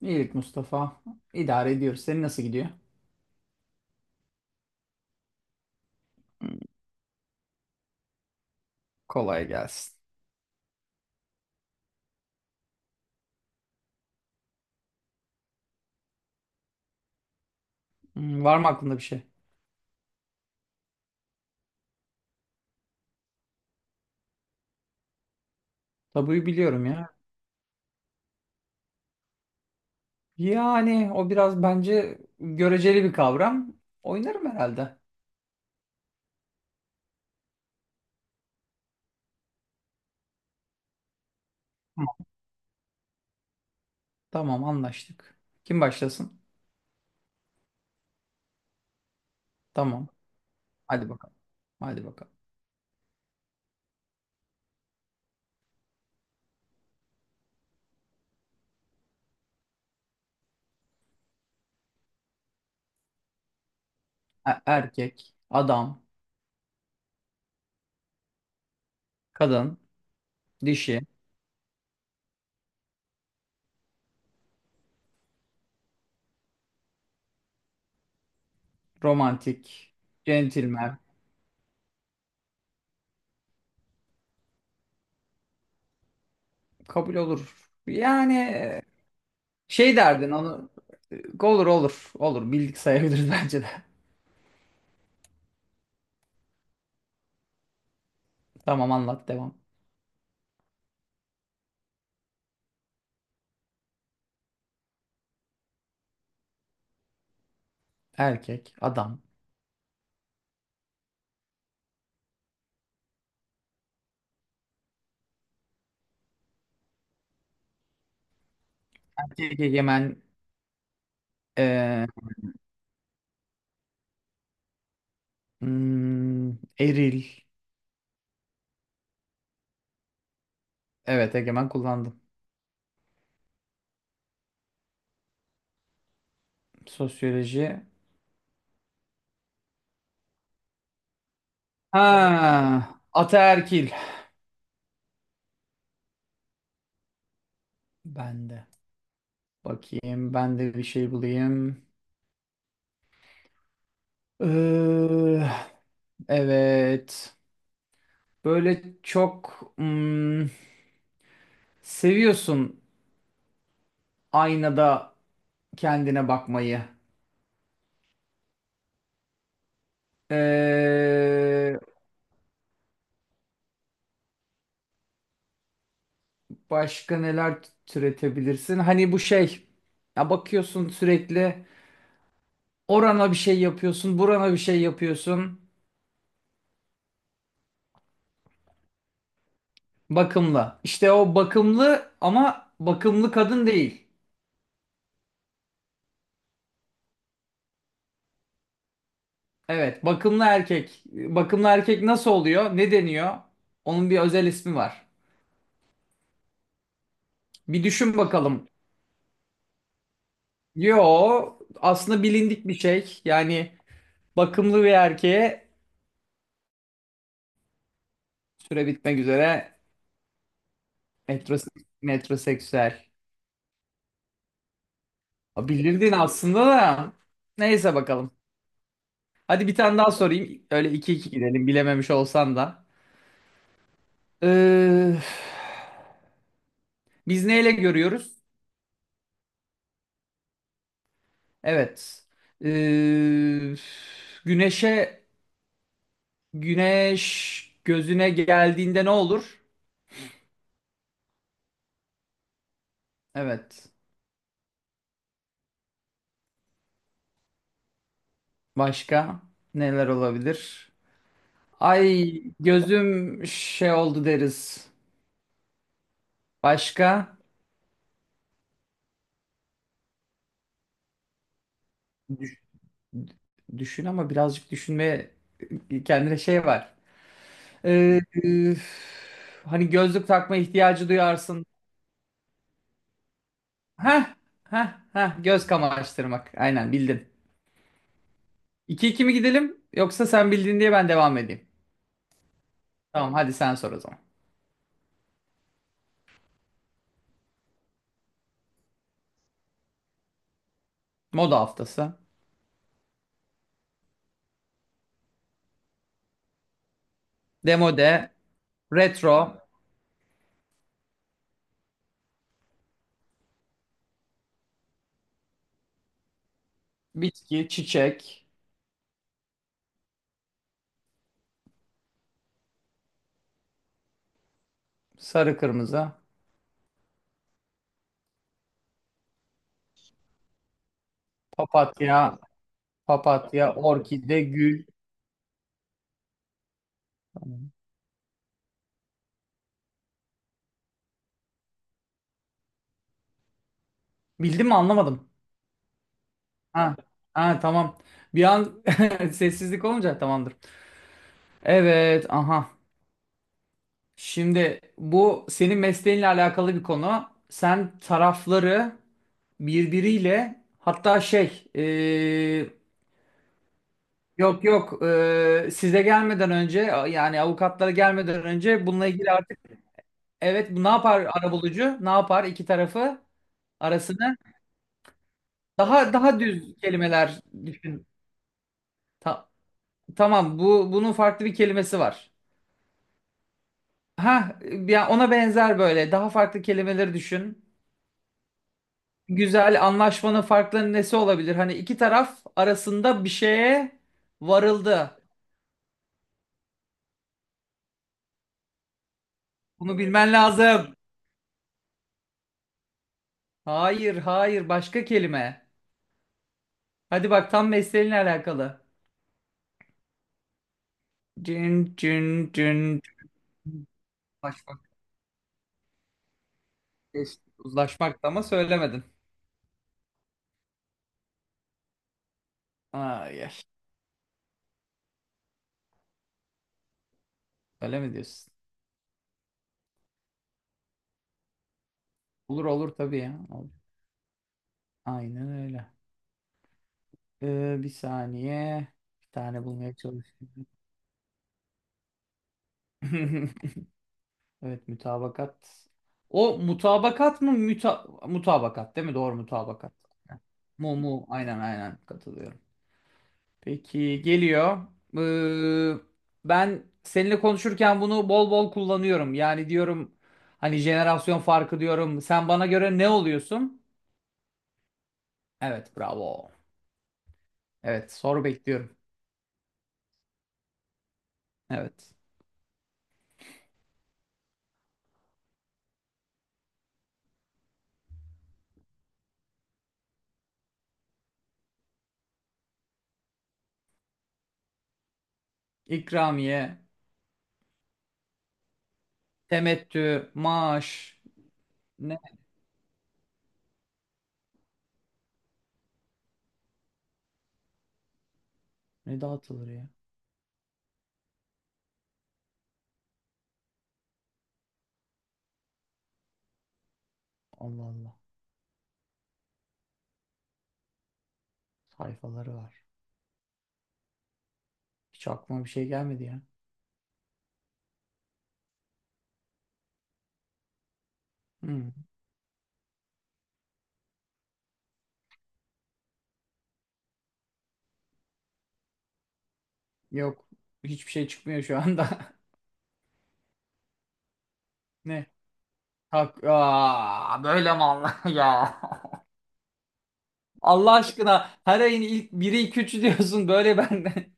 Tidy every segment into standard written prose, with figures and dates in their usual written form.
İyilik, Mustafa. İdare ediyoruz. Senin nasıl gidiyor? Hmm. Kolay gelsin. Hmm. Var mı aklında bir şey? Tabuyu biliyorum ya. Yani o biraz bence göreceli bir kavram. Oynarım herhalde. Tamam. Tamam, anlaştık. Kim başlasın? Tamam. Hadi bakalım. Hadi bakalım. Erkek, adam, kadın, dişi, romantik, centilmen. Kabul olur. Yani şey derdin onu. Olur olur. Olur. Bildik sayabiliriz bence de. Tamam, anlat, devam. Erkek, adam. Erkek egemen, eee, hmm, eril. Evet, egemen kullandım. Sosyoloji. Ha, ataerkil. Ben de. Bakayım ben de bir şey bulayım. Eee, evet. Böyle çok hmm, seviyorsun aynada kendine bakmayı. Ee, Başka neler türetebilirsin? Hani bu şey, ya bakıyorsun sürekli orana bir şey yapıyorsun, burana bir şey yapıyorsun. Bakımlı. İşte o bakımlı ama bakımlı kadın değil. Evet, bakımlı erkek. Bakımlı erkek nasıl oluyor? Ne deniyor? Onun bir özel ismi var. Bir düşün bakalım. Yo, aslında bilindik bir şey. Yani bakımlı bir erkeğe süre bitmek üzere metroseksüel. Ha, bilirdin aslında da. Neyse bakalım. Hadi bir tane daha sorayım. Öyle iki iki gidelim bilememiş olsan da. Ee, biz neyle görüyoruz? Evet. Ee, güneşe güneş gözüne geldiğinde ne olur? Evet. Başka neler olabilir? Ay, gözüm şey oldu, deriz. Başka? Düş- düşün, ama birazcık düşünmeye kendine şey var. Üf, hani gözlük takma ihtiyacı duyarsın. Heh, heh, heh, göz kamaştırmak. Aynen bildin. 2 iki mi gidelim, yoksa sen bildin diye ben devam edeyim? Tamam, hadi sen sor o zaman. Moda haftası. Demode, retro, bitki, çiçek, sarı kırmızı, papatya, papatya, orkide, gül. Bildim mi anlamadım. Ha, ha tamam. Bir an sessizlik olunca tamamdır. Evet, aha. Şimdi bu senin mesleğinle alakalı bir konu. Sen tarafları birbiriyle, hatta şey, yok yok, size gelmeden önce, yani avukatlara gelmeden önce bununla ilgili artık, evet, bu ne yapar arabulucu? Ne yapar iki tarafı, arasını? Daha daha düz kelimeler düşün. Ta- tamam, bu bunun farklı bir kelimesi var. Ha, ya ona benzer böyle daha farklı kelimeleri düşün. Güzel, anlaşmanın farklarının nesi olabilir? Hani iki taraf arasında bir şeye varıldı. Bunu bilmen lazım. Hayır, hayır, başka kelime. Hadi bak, tam mesleğinle alakalı. Cin, cin, cin, cin. Uzlaşmak, geçti. Uzlaşmak da, ama söylemedin. Ay, öyle mi diyorsun? Olur olur, tabii ya. Olur. Aynen öyle. Bir saniye. Bir tane bulmaya çalışıyorum. Evet, mütabakat. O mutabakat mı? Müta mutabakat, değil mi? Doğru, mutabakat. Mu mu, aynen aynen katılıyorum. Peki, geliyor. Ee, ben seninle konuşurken bunu bol bol kullanıyorum. Yani diyorum hani jenerasyon farkı diyorum. Sen bana göre ne oluyorsun? Evet, bravo. Evet, soru bekliyorum. Evet. İkramiye, temettü, maaş, ne? Ne dağıtılır ya? Allah Allah. Sayfaları var. Hiç aklıma bir şey gelmedi ya. Hmm. Yok. Hiçbir şey çıkmıyor şu anda. Ne? Hak. Aa, böyle mi Allah ya? Allah aşkına, her ayın ilk biri iki üçü diyorsun, böyle ben de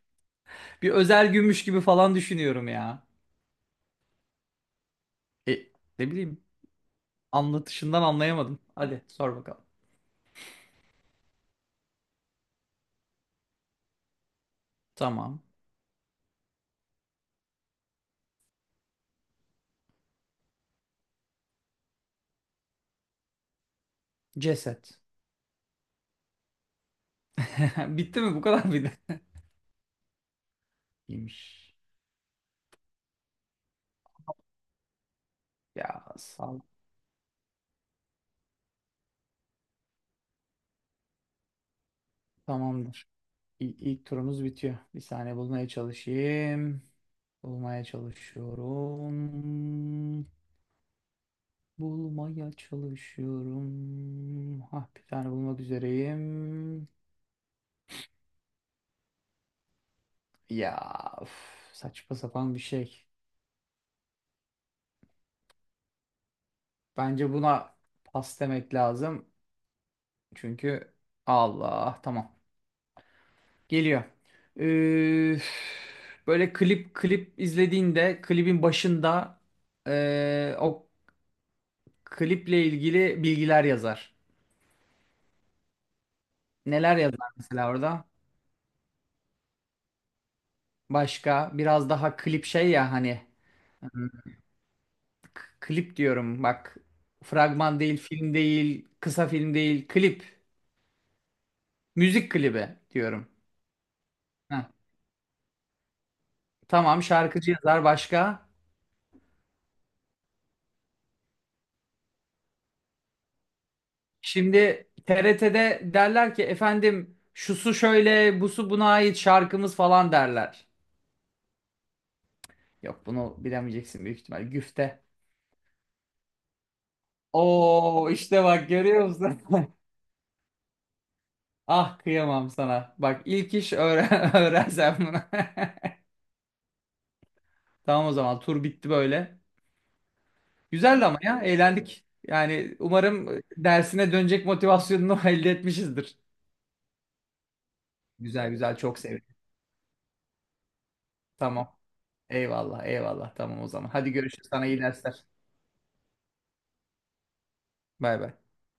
bir özel gümüş gibi falan düşünüyorum ya. E, ne bileyim, anlatışından anlayamadım. Hadi sor bakalım. Tamam. Ceset. Bitti mi, bu kadar mıydı? İyiymiş. Ya sağ ol. Tamamdır. İlk turumuz bitiyor. Bir saniye bulmaya çalışayım. Bulmaya çalışıyorum. Bulmaya çalışıyorum. Ah, bir tane bulmak üzereyim. Ya üf, saçma sapan bir şey. Bence buna pas demek lazım. Çünkü Allah, tamam. Geliyor. Üf, böyle klip klip izlediğinde klibin başında o kliple ilgili bilgiler yazar. Neler yazar mesela orada? Başka, biraz daha klip şey ya, hani hmm, klip diyorum bak, fragman değil, film değil, kısa film değil, klip, müzik klibi diyorum. Heh, tamam, şarkıcı yazar, başka. Şimdi TRT'de derler ki, efendim, şusu şöyle, busu buna ait şarkımız falan derler. Yok, bunu bilemeyeceksin büyük ihtimal: güfte. Oo, işte bak, görüyor musun? Ah, kıyamam sana. Bak, ilk iş öğren öğrensem bunu. Tamam o zaman, tur bitti böyle. Güzeldi ama ya, eğlendik. Yani umarım dersine dönecek motivasyonunu elde etmişizdir. Güzel güzel, çok sevindim. Tamam. Eyvallah eyvallah, tamam o zaman. Hadi görüşürüz, sana iyi dersler. Bay bay.